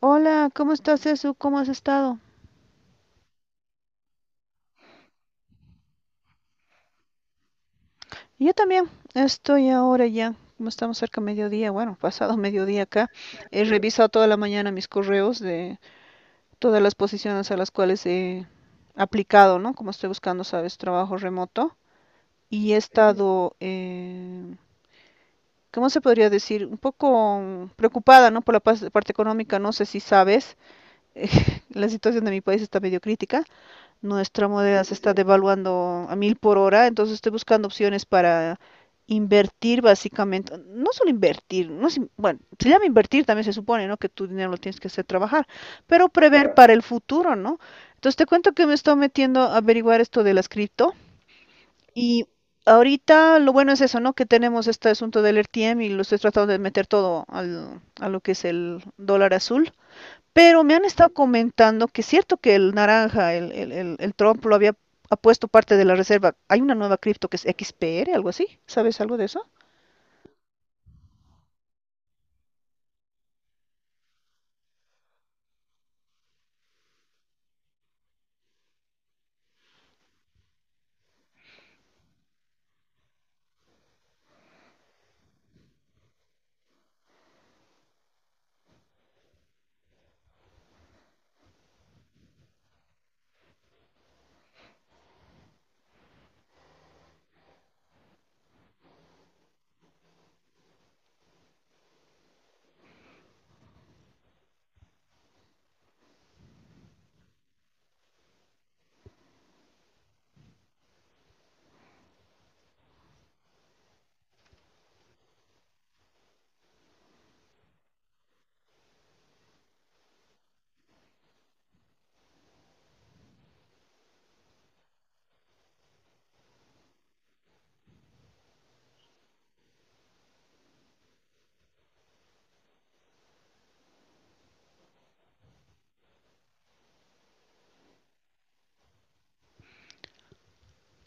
Hola, ¿cómo estás, Esu? ¿Cómo has estado? Yo también estoy ahora ya, como estamos cerca de mediodía, bueno, pasado mediodía acá, he revisado toda la mañana mis correos de todas las posiciones a las cuales he aplicado, ¿no? Como estoy buscando, sabes, trabajo remoto y he estado, ¿cómo se podría decir? Un poco preocupada, ¿no? Por la parte económica, no sé si sabes, la situación de mi país está medio crítica. Nuestra moneda se está devaluando a mil por hora, entonces estoy buscando opciones para invertir básicamente. No solo invertir, no es bueno, se llama invertir también se supone, ¿no? Que tu dinero lo tienes que hacer trabajar, pero prever claro, para el futuro, ¿no? Entonces te cuento que me estoy metiendo a averiguar esto de las cripto, y ahorita lo bueno es eso, ¿no? Que tenemos este asunto del RTM y lo estoy tratando de meter todo al, a lo que es el dólar azul. Pero me han estado comentando que es cierto que el naranja, el Trump lo había ha puesto parte de la reserva. Hay una nueva cripto que es XPR, algo así. ¿Sabes algo de eso?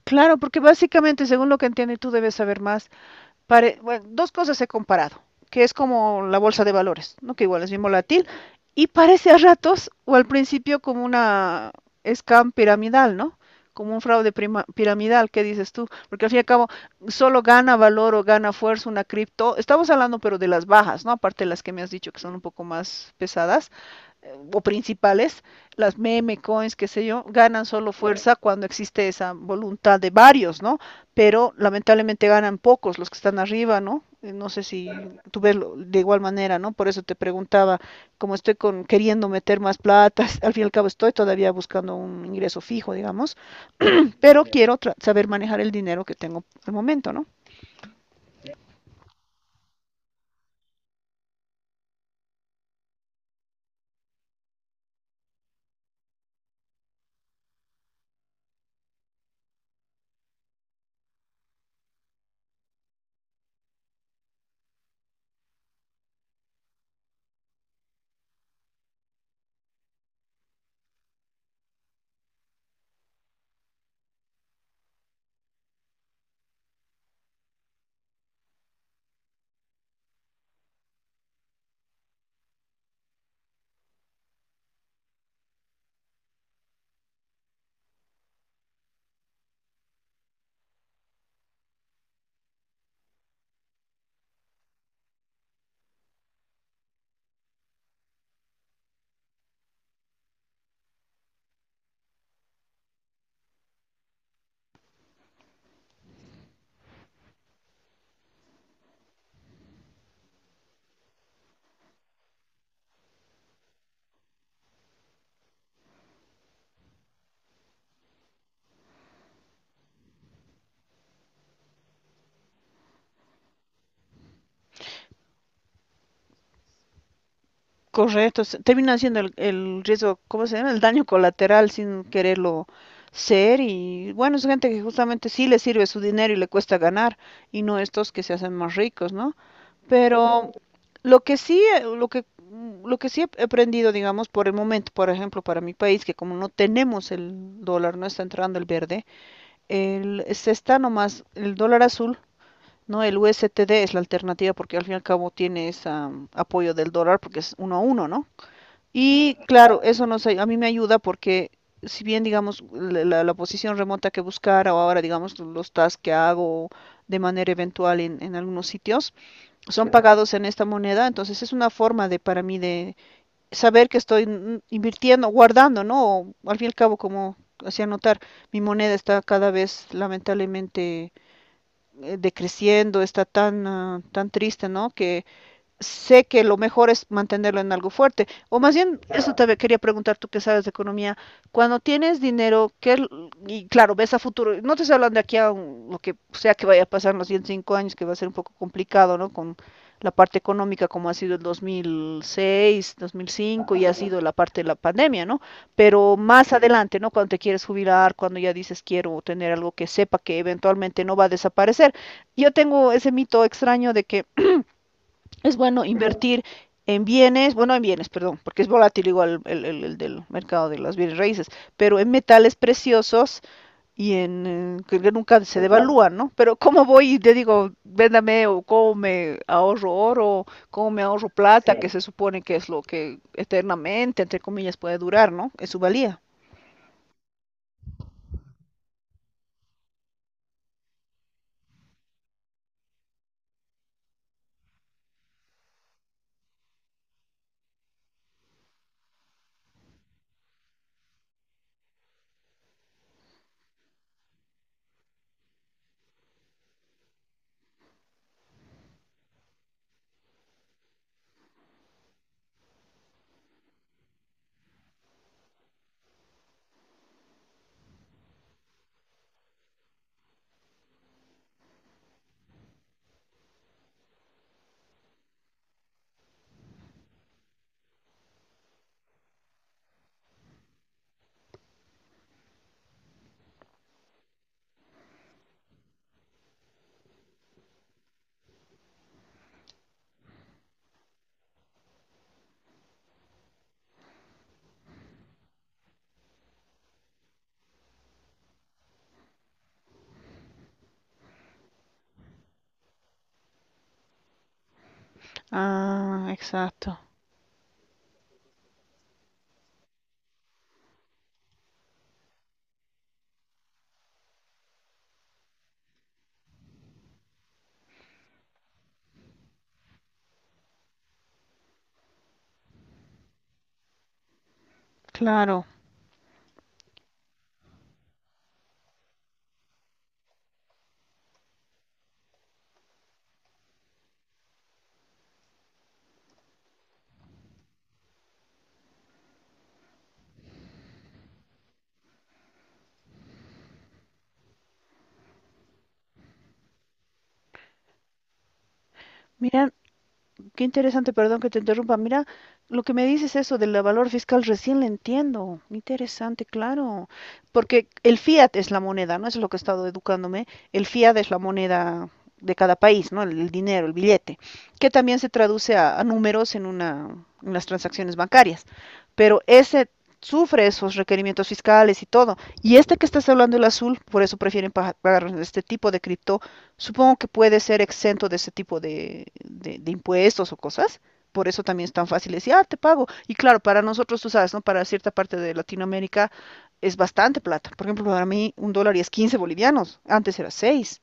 Claro, porque básicamente, según lo que entiendo, y tú debes saber más, bueno, dos cosas he comparado, que es como la bolsa de valores, ¿no? Que igual es bien volátil, y parece a ratos o al principio como una scam piramidal, ¿no? Como un fraude piramidal, ¿qué dices tú? Porque al fin y al cabo, solo gana valor o gana fuerza una cripto. Estamos hablando, pero de las bajas, ¿no? Aparte de las que me has dicho que son un poco más pesadas, o principales, las meme coins, qué sé yo, ganan solo fuerza cuando existe esa voluntad de varios, ¿no? Pero lamentablemente ganan pocos los que están arriba, ¿no? No sé si tú ves de igual manera, ¿no? Por eso te preguntaba, como estoy con, queriendo meter más plata, al fin y al cabo estoy todavía buscando un ingreso fijo, digamos, pero quiero tra saber manejar el dinero que tengo al momento, ¿no? Correcto, termina siendo el riesgo, ¿cómo se llama? El daño colateral sin quererlo ser y bueno, es gente que justamente sí le sirve su dinero y le cuesta ganar y no estos que se hacen más ricos, ¿no? Pero lo que sí, lo que sí he aprendido, digamos, por el momento, por ejemplo, para mi país, que como no tenemos el dólar, no está entrando el verde, el, se está nomás el dólar azul, ¿no? El USTD es la alternativa porque al fin y al cabo tiene ese apoyo del dólar porque es uno a uno, ¿no? Y claro, eso nos, a mí me ayuda porque si bien, digamos, la posición remota que buscara o ahora, digamos, los tasks que hago de manera eventual en algunos sitios, son pagados en esta moneda, entonces es una forma de para mí de saber que estoy invirtiendo, guardando, ¿no? O, al fin y al cabo, como hacía notar, mi moneda está cada vez lamentablemente decreciendo, está tan, ah, tan triste, ¿no? Que sé que lo mejor es mantenerlo en algo fuerte. O más bien, eso te quería preguntar tú que sabes de economía. Cuando tienes dinero, ¿qué, y claro, ves a futuro? No te estoy hablando de aquí a lo que sea que vaya a pasar en los siguientes cinco años, que va a ser un poco complicado, ¿no? Con la parte económica como ha sido el dos mil seis, dos mil cinco y ha sido la parte de la pandemia, ¿no? Pero más adelante, ¿no? Cuando te quieres jubilar, cuando ya dices quiero tener algo que sepa que eventualmente no va a desaparecer. Yo tengo ese mito extraño de que es bueno invertir en bienes, bueno, en bienes, perdón, porque es volátil igual el del mercado de los bienes raíces, pero en metales preciosos y en que nunca se devalúan, ¿no? Pero ¿cómo voy y te digo, véndame o cómo me ahorro oro, cómo me ahorro plata, que se supone que es lo que eternamente, entre comillas, puede durar, ¿no? Es su valía. Ah, exacto. Claro. Mira, qué interesante, perdón que te interrumpa. Mira, lo que me dices eso del valor fiscal recién lo entiendo. Interesante, claro. Porque el fiat es la moneda, ¿no? Eso es lo que he estado educándome. El fiat es la moneda de cada país, ¿no? El dinero, el billete, que también se traduce a números en una, en las transacciones bancarias. Pero ese sufre esos requerimientos fiscales y todo. Y este que estás hablando, el azul, por eso prefieren pagar este tipo de cripto. Supongo que puede ser exento de ese tipo de, de impuestos o cosas. Por eso también es tan fácil decir, ah, te pago. Y claro, para nosotros, tú sabes, ¿no? Para cierta parte de Latinoamérica es bastante plata. Por ejemplo, para mí un dólar y es 15 bolivianos. Antes era seis.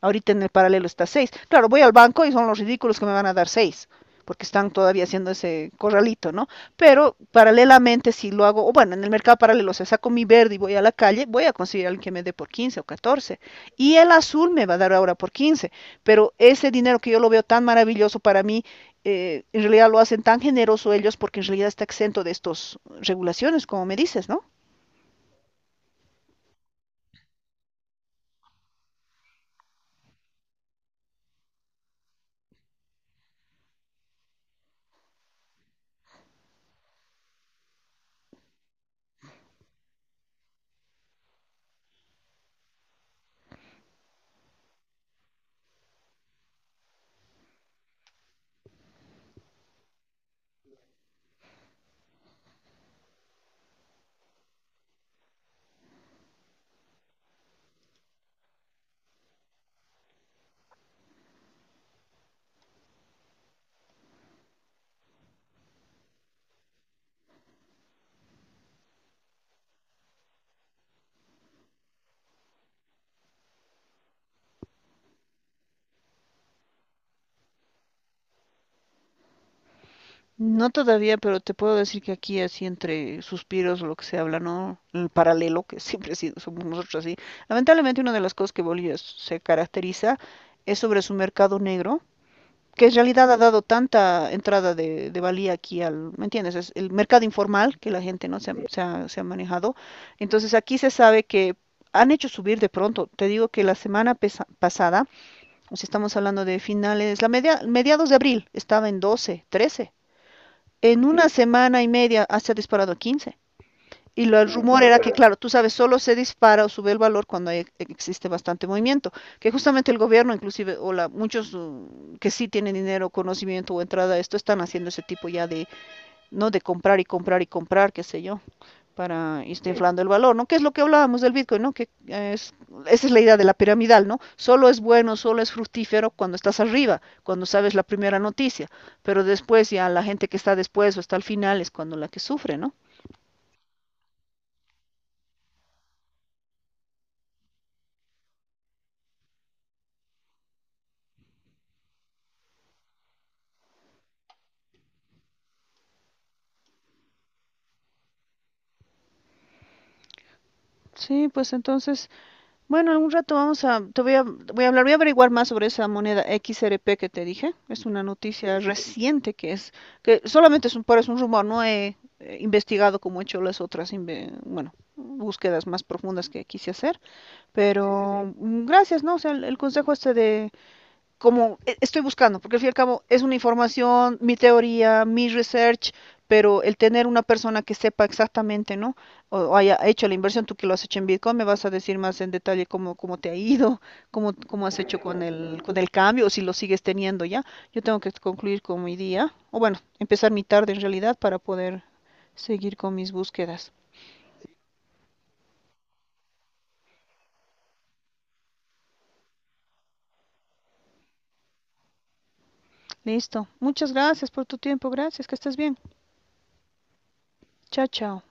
Ahorita en el paralelo está seis. Claro, voy al banco y son los ridículos que me van a dar 6 porque están todavía haciendo ese corralito, ¿no? Pero paralelamente si lo hago, o bueno, en el mercado paralelo, o sea, saco mi verde y voy a la calle, voy a conseguir a alguien que me dé por 15 o catorce, y el azul me va a dar ahora por quince, pero ese dinero que yo lo veo tan maravilloso para mí, en realidad lo hacen tan generoso ellos porque en realidad está exento de estas regulaciones, como me dices, ¿no? No todavía, pero te puedo decir que aquí así entre suspiros lo que se habla, ¿no? El paralelo, que siempre sí, somos nosotros así. Lamentablemente una de las cosas que Bolivia se caracteriza es sobre su mercado negro, que en realidad ha dado tanta entrada de valía aquí al, ¿me entiendes? Es el mercado informal que la gente no se ha, se ha manejado. Entonces aquí se sabe que han hecho subir de pronto. Te digo que la semana pasada, o si estamos hablando de finales, la media, mediados de abril estaba en doce, trece. En una semana y media ah, se ha disparado a quince, y el rumor era que, claro, tú sabes, solo se dispara o sube el valor cuando existe bastante movimiento, que justamente el gobierno, inclusive, o la, muchos que sí tienen dinero, conocimiento o entrada a esto, están haciendo ese tipo ya de, ¿no? De comprar y comprar y comprar, qué sé yo, para irse inflando el valor, ¿no? Que es lo que hablábamos del Bitcoin, ¿no? Esa es la idea de la piramidal, ¿no? Solo es bueno, solo es fructífero cuando estás arriba, cuando sabes la primera noticia, pero después ya la gente que está después o está al final es cuando la que sufre, ¿no? Sí, pues entonces bueno, algún rato vamos a, te voy a, voy a hablar, voy a averiguar más sobre esa moneda XRP que te dije. Es una noticia reciente que es, que solamente es un, pero es un rumor, no he investigado como he hecho las otras, bueno, búsquedas más profundas que quise hacer. Pero gracias, ¿no? O sea, el consejo este de como estoy buscando, porque al fin y al cabo es una información, mi teoría, mi research, pero el tener una persona que sepa exactamente, ¿no? O haya hecho la inversión, tú que lo has hecho en Bitcoin, me vas a decir más en detalle cómo, cómo te ha ido, cómo, cómo has hecho con el cambio, o si lo sigues teniendo ya. Yo tengo que concluir con mi día, o bueno, empezar mi tarde en realidad para poder seguir con mis búsquedas. Listo. Muchas gracias por tu tiempo. Gracias. Que estés bien. Chao, chao.